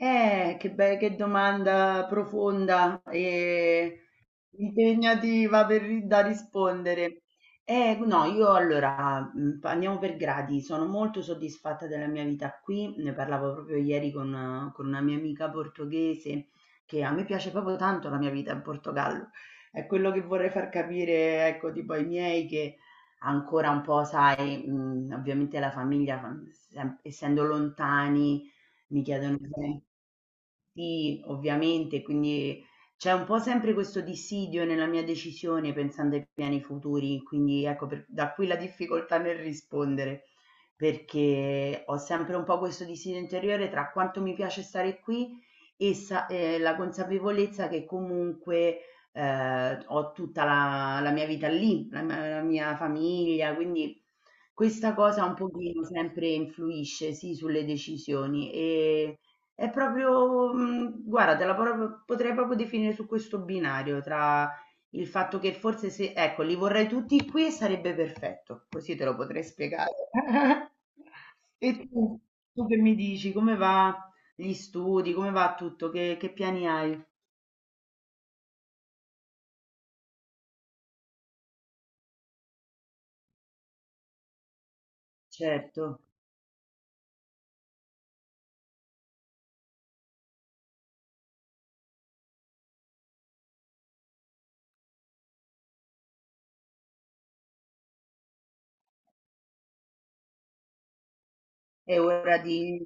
Che domanda profonda e impegnativa da rispondere. No, io allora andiamo per gradi. Sono molto soddisfatta della mia vita qui. Ne parlavo proprio ieri con una mia amica portoghese che a me piace proprio tanto la mia vita in Portogallo. È quello che vorrei far capire, ecco, tipo ai miei che ancora un po', sai, ovviamente la famiglia, essendo lontani mi chiedono sempre. Sì, ovviamente, quindi c'è un po' sempre questo dissidio nella mia decisione pensando ai piani futuri, quindi ecco, da qui la difficoltà nel rispondere, perché ho sempre un po' questo dissidio interiore tra quanto mi piace stare qui e la consapevolezza che comunque ho tutta la mia vita lì, la mia famiglia, quindi questa cosa un pochino sempre influisce, sì, sulle decisioni. È proprio, guarda, te la proprio potrei proprio definire su questo binario, tra il fatto che forse se ecco, li vorrei tutti qui e sarebbe perfetto, così te lo potrei spiegare. E tu? Tu che mi dici? Come va gli studi? Come va tutto? Che piani hai? Certo, è ora di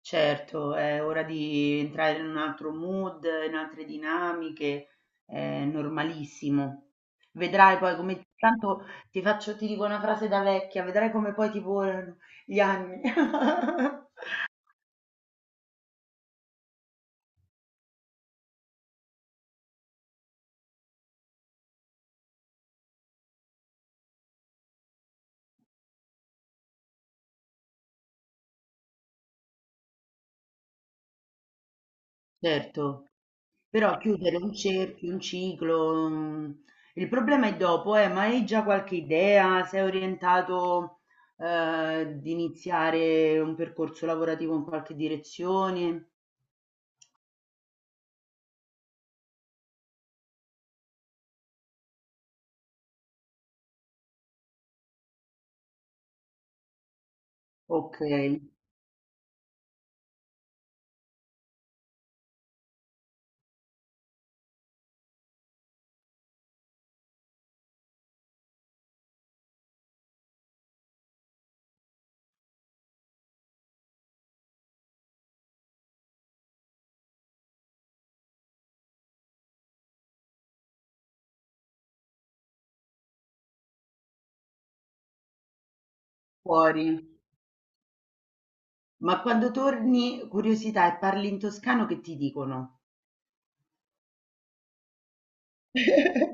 Certo, è ora di entrare in un altro mood, in altre dinamiche, è normalissimo. Vedrai poi come tanto ti dico una frase da vecchia, vedrai come poi ti volano gli anni. Certo, però chiudere un cerchio, un ciclo, il problema è dopo, ma hai già qualche idea? Sei orientato, di iniziare un percorso lavorativo in qualche direzione? Ok, fuori. Ma quando torni, curiosità, e parli in toscano che ti dicono?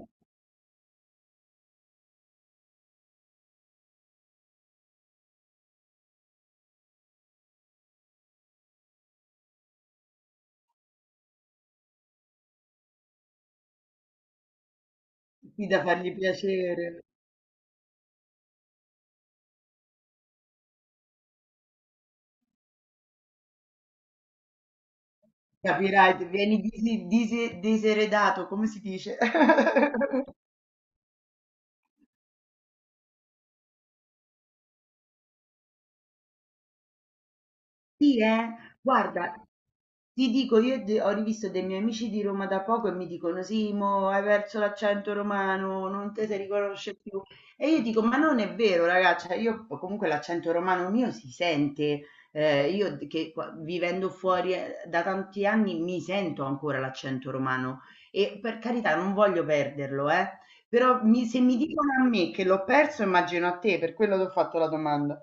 Sì, da fargli piacere, capirai, vieni diseredato, come si dice? Sì, eh. Guarda, ti dico, io ho rivisto dei miei amici di Roma da poco e mi dicono, sì, mo hai perso l'accento romano, non te si riconosce più. E io dico, ma non è vero, ragazza, io comunque l'accento romano mio si sente, io d- che qua- vivendo fuori da tanti anni mi sento ancora l'accento romano e per carità non voglio perderlo, eh. Però se mi dicono a me che l'ho perso, immagino a te, per quello ti ho fatto la domanda.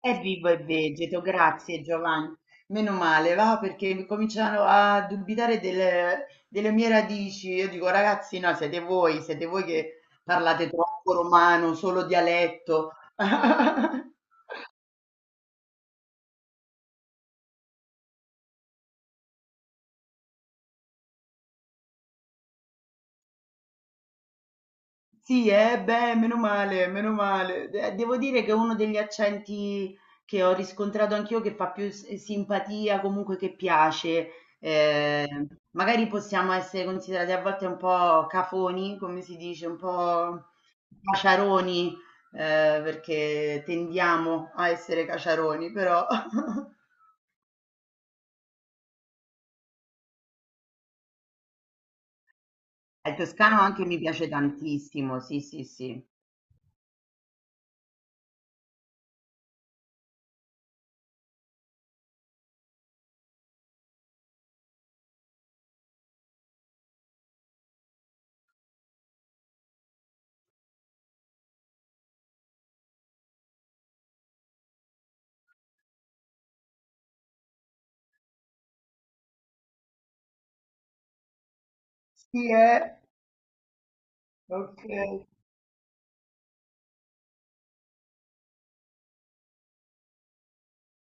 È vivo e vegeto, grazie Giovanni. Meno male, va perché cominciano a dubitare delle mie radici. Io dico, ragazzi, no, siete voi che parlate troppo romano, solo dialetto. Sì, beh, meno male, meno male. Devo dire che è uno degli accenti che ho riscontrato anch'io che fa più simpatia, comunque che piace. Eh, magari possiamo essere considerati a volte un po' cafoni, come si dice, un po' caciaroni, perché tendiamo a essere caciaroni, però il toscano anche mi piace tantissimo, sì, sì, sì. Sì, ok.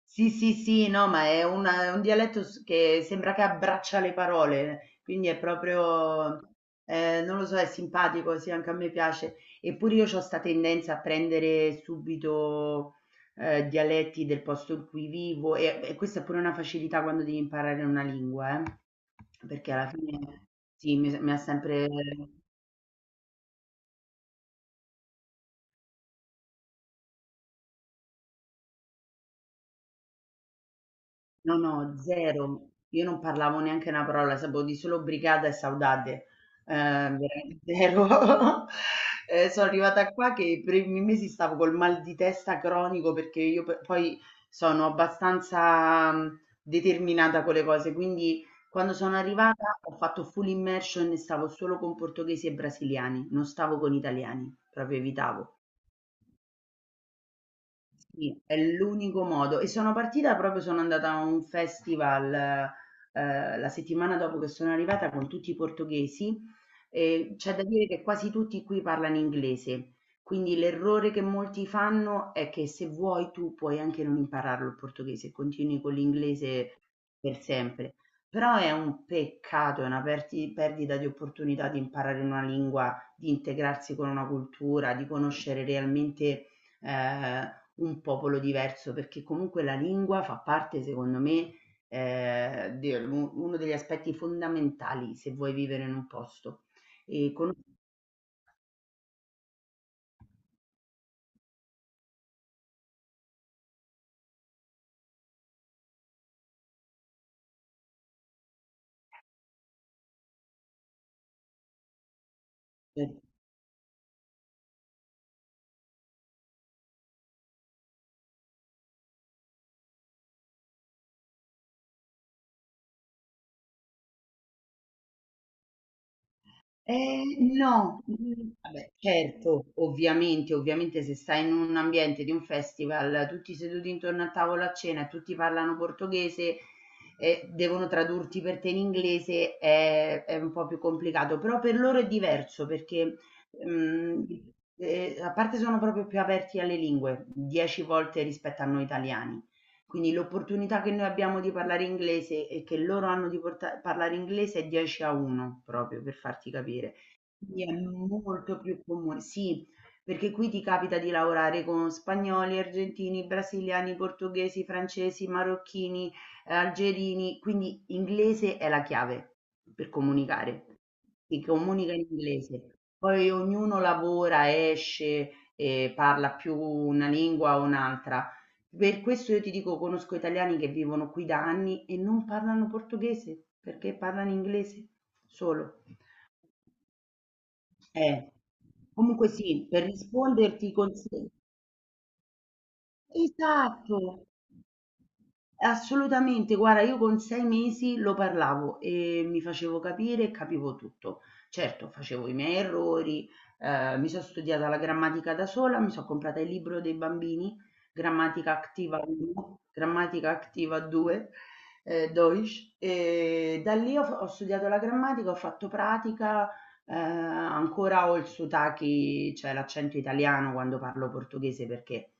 Sì, sì, sì, no, ma è un dialetto che sembra che abbraccia le parole, quindi è proprio, non lo so, è simpatico, sì, anche a me piace. Eppure io ho questa tendenza a prendere subito dialetti del posto in cui vivo e questa è pure una facilità quando devi imparare una lingua, perché alla fine sì, mi ha sempre. No, no, zero. Io non parlavo neanche una parola, sapevo di solo brigata e saudade. Veramente zero. Sono arrivata qua che per i primi mesi stavo col mal di testa cronico perché io poi sono abbastanza determinata con le cose, quindi quando sono arrivata ho fatto full immersion e stavo solo con portoghesi e brasiliani, non stavo con italiani, proprio evitavo. Sì, è l'unico modo. E sono partita proprio sono andata a un festival, la settimana dopo che sono arrivata con tutti i portoghesi, e c'è da dire che quasi tutti qui parlano inglese. Quindi l'errore che molti fanno è che se vuoi tu puoi anche non impararlo il portoghese, continui con l'inglese per sempre. Però è un peccato, è una perdita di opportunità di imparare una lingua, di integrarsi con una cultura, di conoscere realmente eh, un popolo diverso, perché comunque la lingua fa parte, secondo me, di uno degli aspetti fondamentali se vuoi vivere in un posto. E conoscere no, vabbè, certo, ovviamente, ovviamente se stai in un ambiente di un festival, tutti seduti intorno a tavola a cena e tutti parlano portoghese e devono tradurti per te in inglese, è un po' più complicato, però per loro è diverso perché mm, a parte sono proprio più aperti alle lingue, 10 volte rispetto a noi italiani. Quindi l'opportunità che noi abbiamo di parlare inglese e che loro hanno di parlare inglese è 10 a 1 proprio per farti capire. Sì, è molto più comune, sì, perché qui ti capita di lavorare con spagnoli, argentini, brasiliani, portoghesi, francesi, marocchini, algerini, quindi inglese è la chiave per comunicare. Si comunica in inglese, poi ognuno lavora, esce e parla più una lingua o un'altra. Per questo io ti dico, conosco italiani che vivono qui da anni e non parlano portoghese, perché parlano inglese solo. Eh, comunque sì. per risponderti consi Esatto. Assolutamente, guarda io con 6 mesi lo parlavo e mi facevo capire e capivo tutto. Certo, facevo i miei errori, mi so' studiata la grammatica da sola, mi so' comprata il libro dei bambini, Grammatica Activa 1, Grammatica Activa 2, Deutsch, e da lì ho studiato la grammatica, ho fatto pratica, ancora ho il sotachi cioè l'accento italiano quando parlo portoghese perché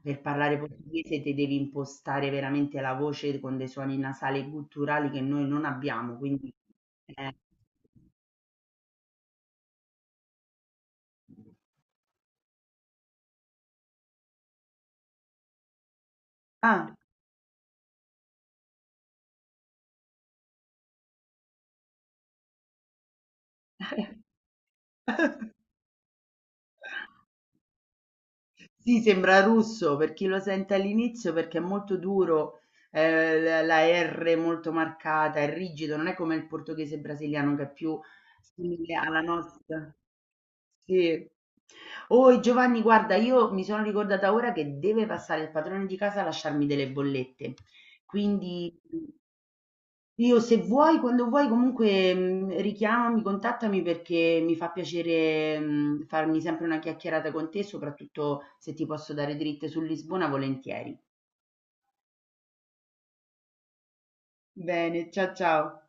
per parlare portoghese te devi impostare veramente la voce con dei suoni nasali culturali che noi non abbiamo, quindi eh. Ah, sì, sembra russo per chi lo sente all'inizio perché è molto duro, la R molto marcata, è rigido, non è come il portoghese brasiliano che è più simile alla nostra. Sì. Oh Giovanni, guarda, io mi sono ricordata ora che deve passare il padrone di casa a lasciarmi delle bollette, quindi. Io se vuoi, quando vuoi, comunque richiamami, contattami perché mi fa piacere farmi sempre una chiacchierata con te, soprattutto se ti posso dare dritte su Lisbona, volentieri. Bene, ciao ciao.